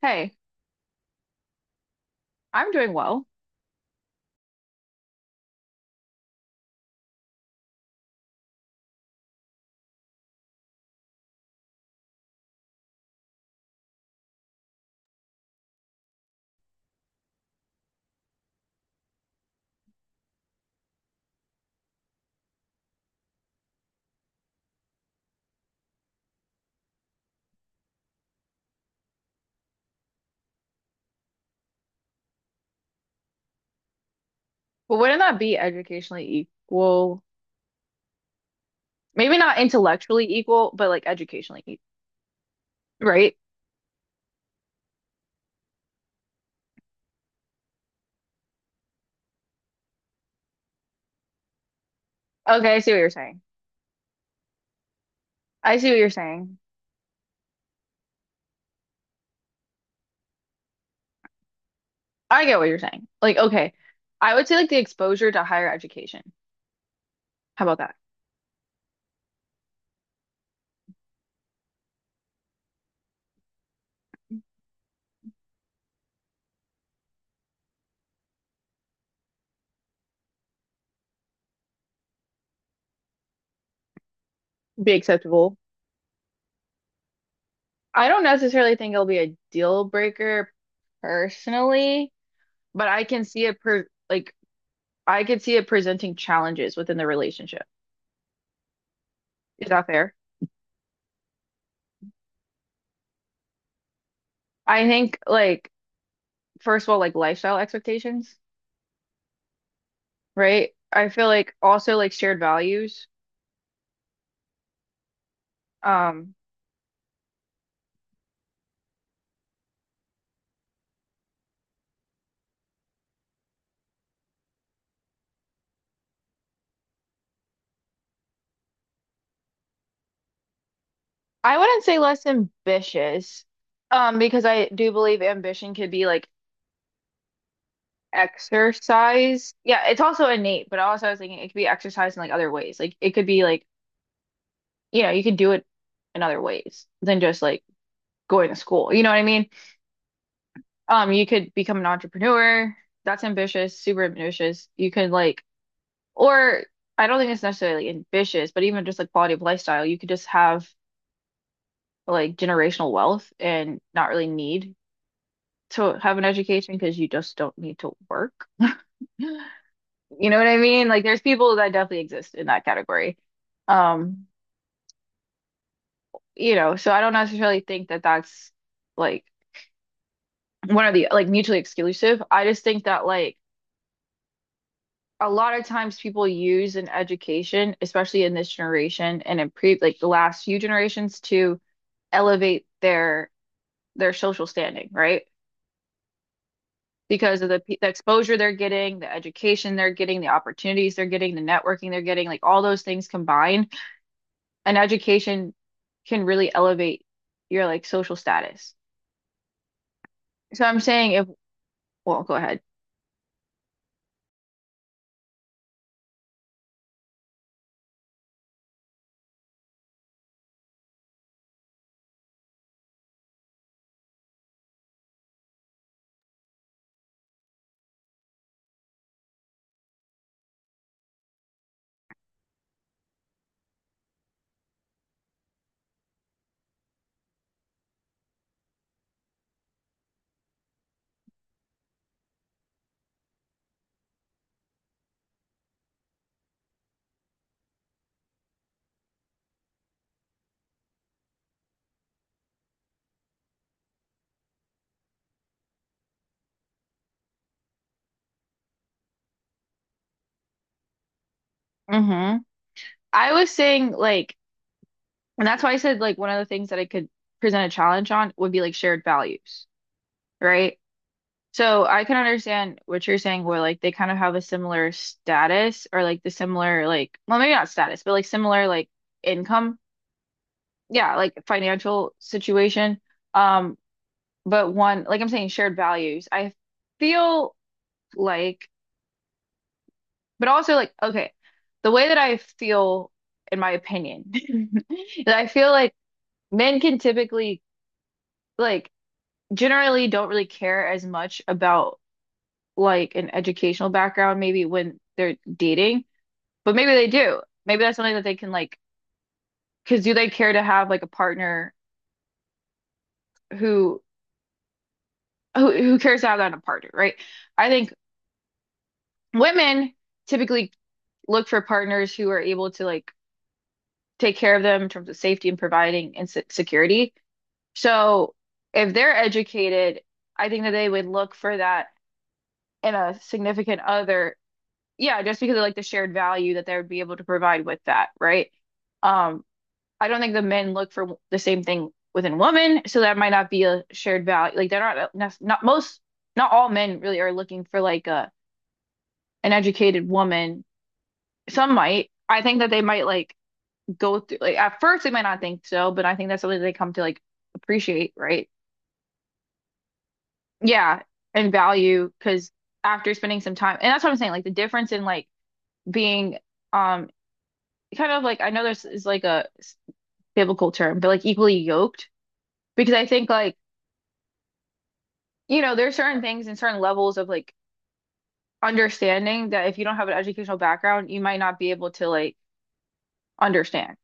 Hey, I'm doing well. But wouldn't that be educationally equal? Maybe not intellectually equal, but like educationally equal, right? Okay, I see what you're saying. I see what you're saying. I get what you're saying. Like, okay, I would say like the exposure to higher education. How about that? Be acceptable. I don't necessarily think it'll be a deal breaker personally, but I can see it per like I could see it presenting challenges within the relationship. Is that fair? I think like first of all, like lifestyle expectations. Right? I feel like also like shared values. Um, I wouldn't say less ambitious, because I do believe ambition could be like exercise. Yeah, it's also innate, but also I was thinking it could be exercised in like other ways. Like it could be like, you know, you could do it in other ways than just like going to school. You know what I mean? You could become an entrepreneur. That's ambitious, super ambitious. You could like, or I don't think it's necessarily ambitious, but even just like quality of lifestyle, you could just have like generational wealth and not really need to have an education because you just don't need to work. You know what I mean? Like there's people that definitely exist in that category. Um, you know, so I don't necessarily think that that's like one of the like mutually exclusive. I just think that like a lot of times people use an education, especially in this generation and in pre like the last few generations to elevate their social standing, right? Because of the exposure they're getting, the education they're getting, the opportunities they're getting, the networking they're getting, like all those things combined. And education can really elevate your like social status. So I'm saying if, well, go ahead. Mm-hmm. I was saying like, and that's why I said like one of the things that I could present a challenge on would be like shared values, right? So I can understand what you're saying where like they kind of have a similar status or like the similar like well maybe not status, but like similar like income, yeah, like financial situation. Um, but one, like I'm saying, shared values. I feel like, but also like, okay, the way that I feel, in my opinion, is I feel like men can typically like generally don't really care as much about like an educational background, maybe when they're dating, but maybe they do. Maybe that's something that they can like, because do they care to have like a partner who who cares to have that in a partner, right? I think women typically look for partners who are able to like take care of them in terms of safety and providing and se- security. So if they're educated, I think that they would look for that in a significant other. Yeah, just because of like the shared value that they would be able to provide with that, right? Um, I don't think the men look for the same thing within women, so that might not be a shared value. Like they're not most, not all men really are looking for like a an educated woman. Some might. I think that they might like go through like at first they might not think so, but I think that's something they come to like appreciate, right? Yeah, and value because after spending some time, and that's what I'm saying, like the difference in like being um kind of like I know this is like a biblical term, but like equally yoked because I think like you know there's certain things and certain levels of like understanding that if you don't have an educational background, you might not be able to like understand.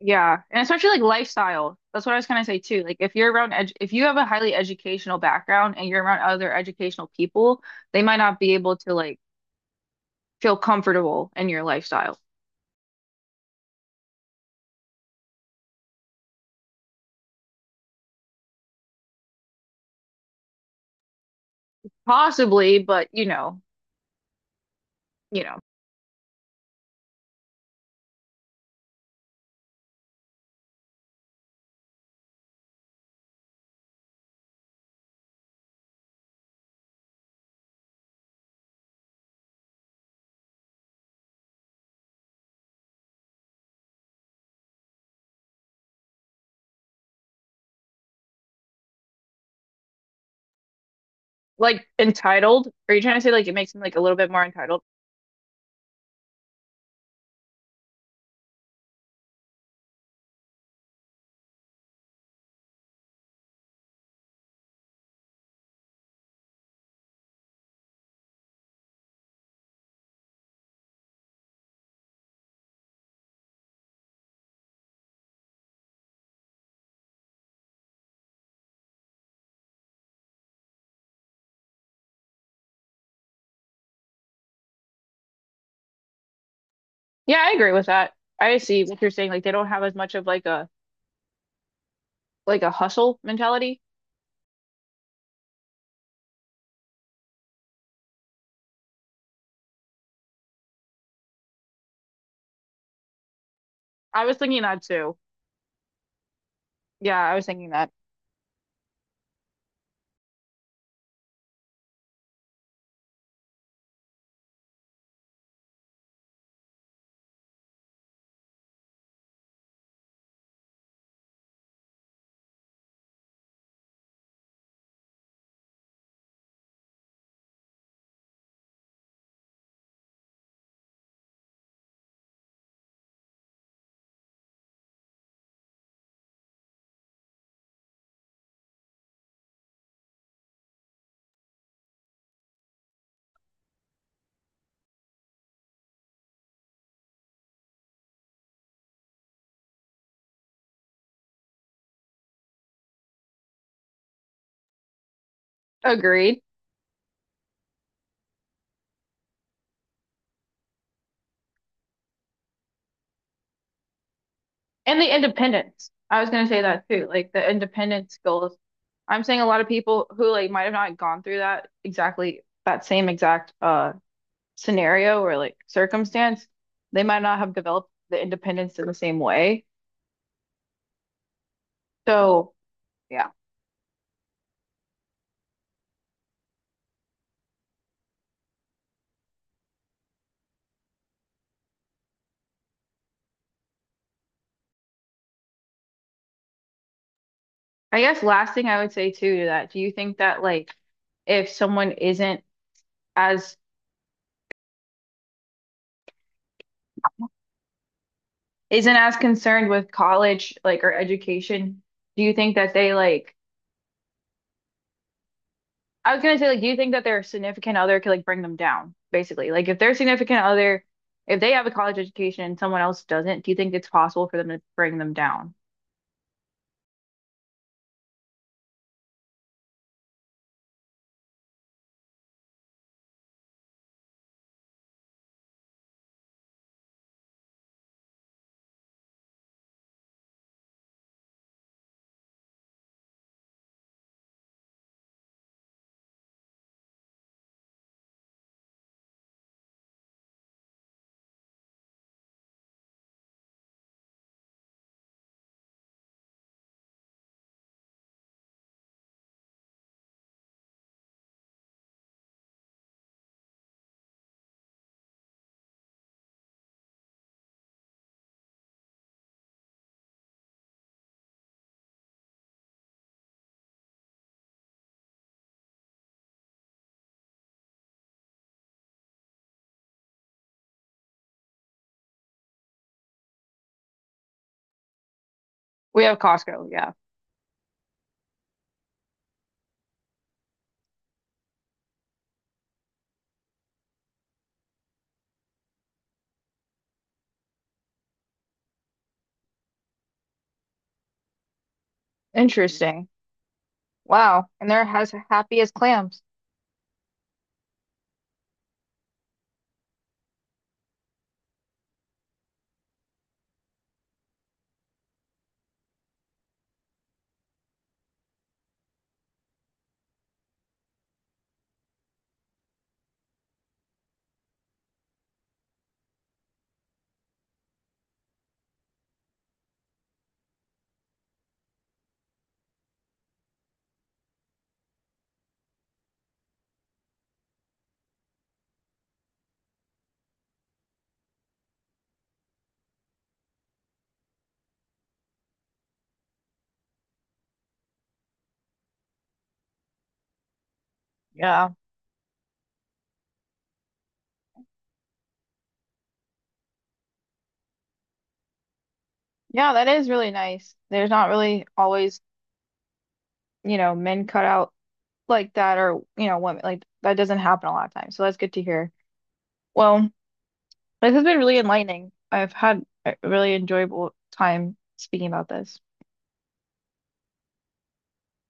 Yeah, and especially like lifestyle. That's what I was gonna say too. Like if you're around edu if you have a highly educational background and you're around other educational people, they might not be able to like feel comfortable in your lifestyle. Possibly, but you know, like entitled. Are you trying to say like it makes them like a little bit more entitled? Yeah, I agree with that. I see what you're saying. Like they don't have as much of like a hustle mentality. I was thinking that too. Yeah, I was thinking that. Agreed. And the independence. I was gonna say that too. Like the independence skills. I'm saying a lot of people who like might have not gone through that exactly that same exact scenario or like circumstance, they might not have developed the independence in the same way. So yeah. I guess last thing I would say too to that, do you think that like if someone as isn't as concerned with college like or education, do you think that they like I was gonna say, like, do you think that their significant other could like bring them down, basically? Like, if their significant other, if they have a college education and someone else doesn't, do you think it's possible for them to bring them down? We have Costco, yeah. Interesting. Wow. And they're as happy as clams. Yeah. Yeah, that is really nice. There's not really always, you know, men cut out like that or, you know, women like that doesn't happen a lot of times. So that's good to hear. Well, this has been really enlightening. I've had a really enjoyable time speaking about this.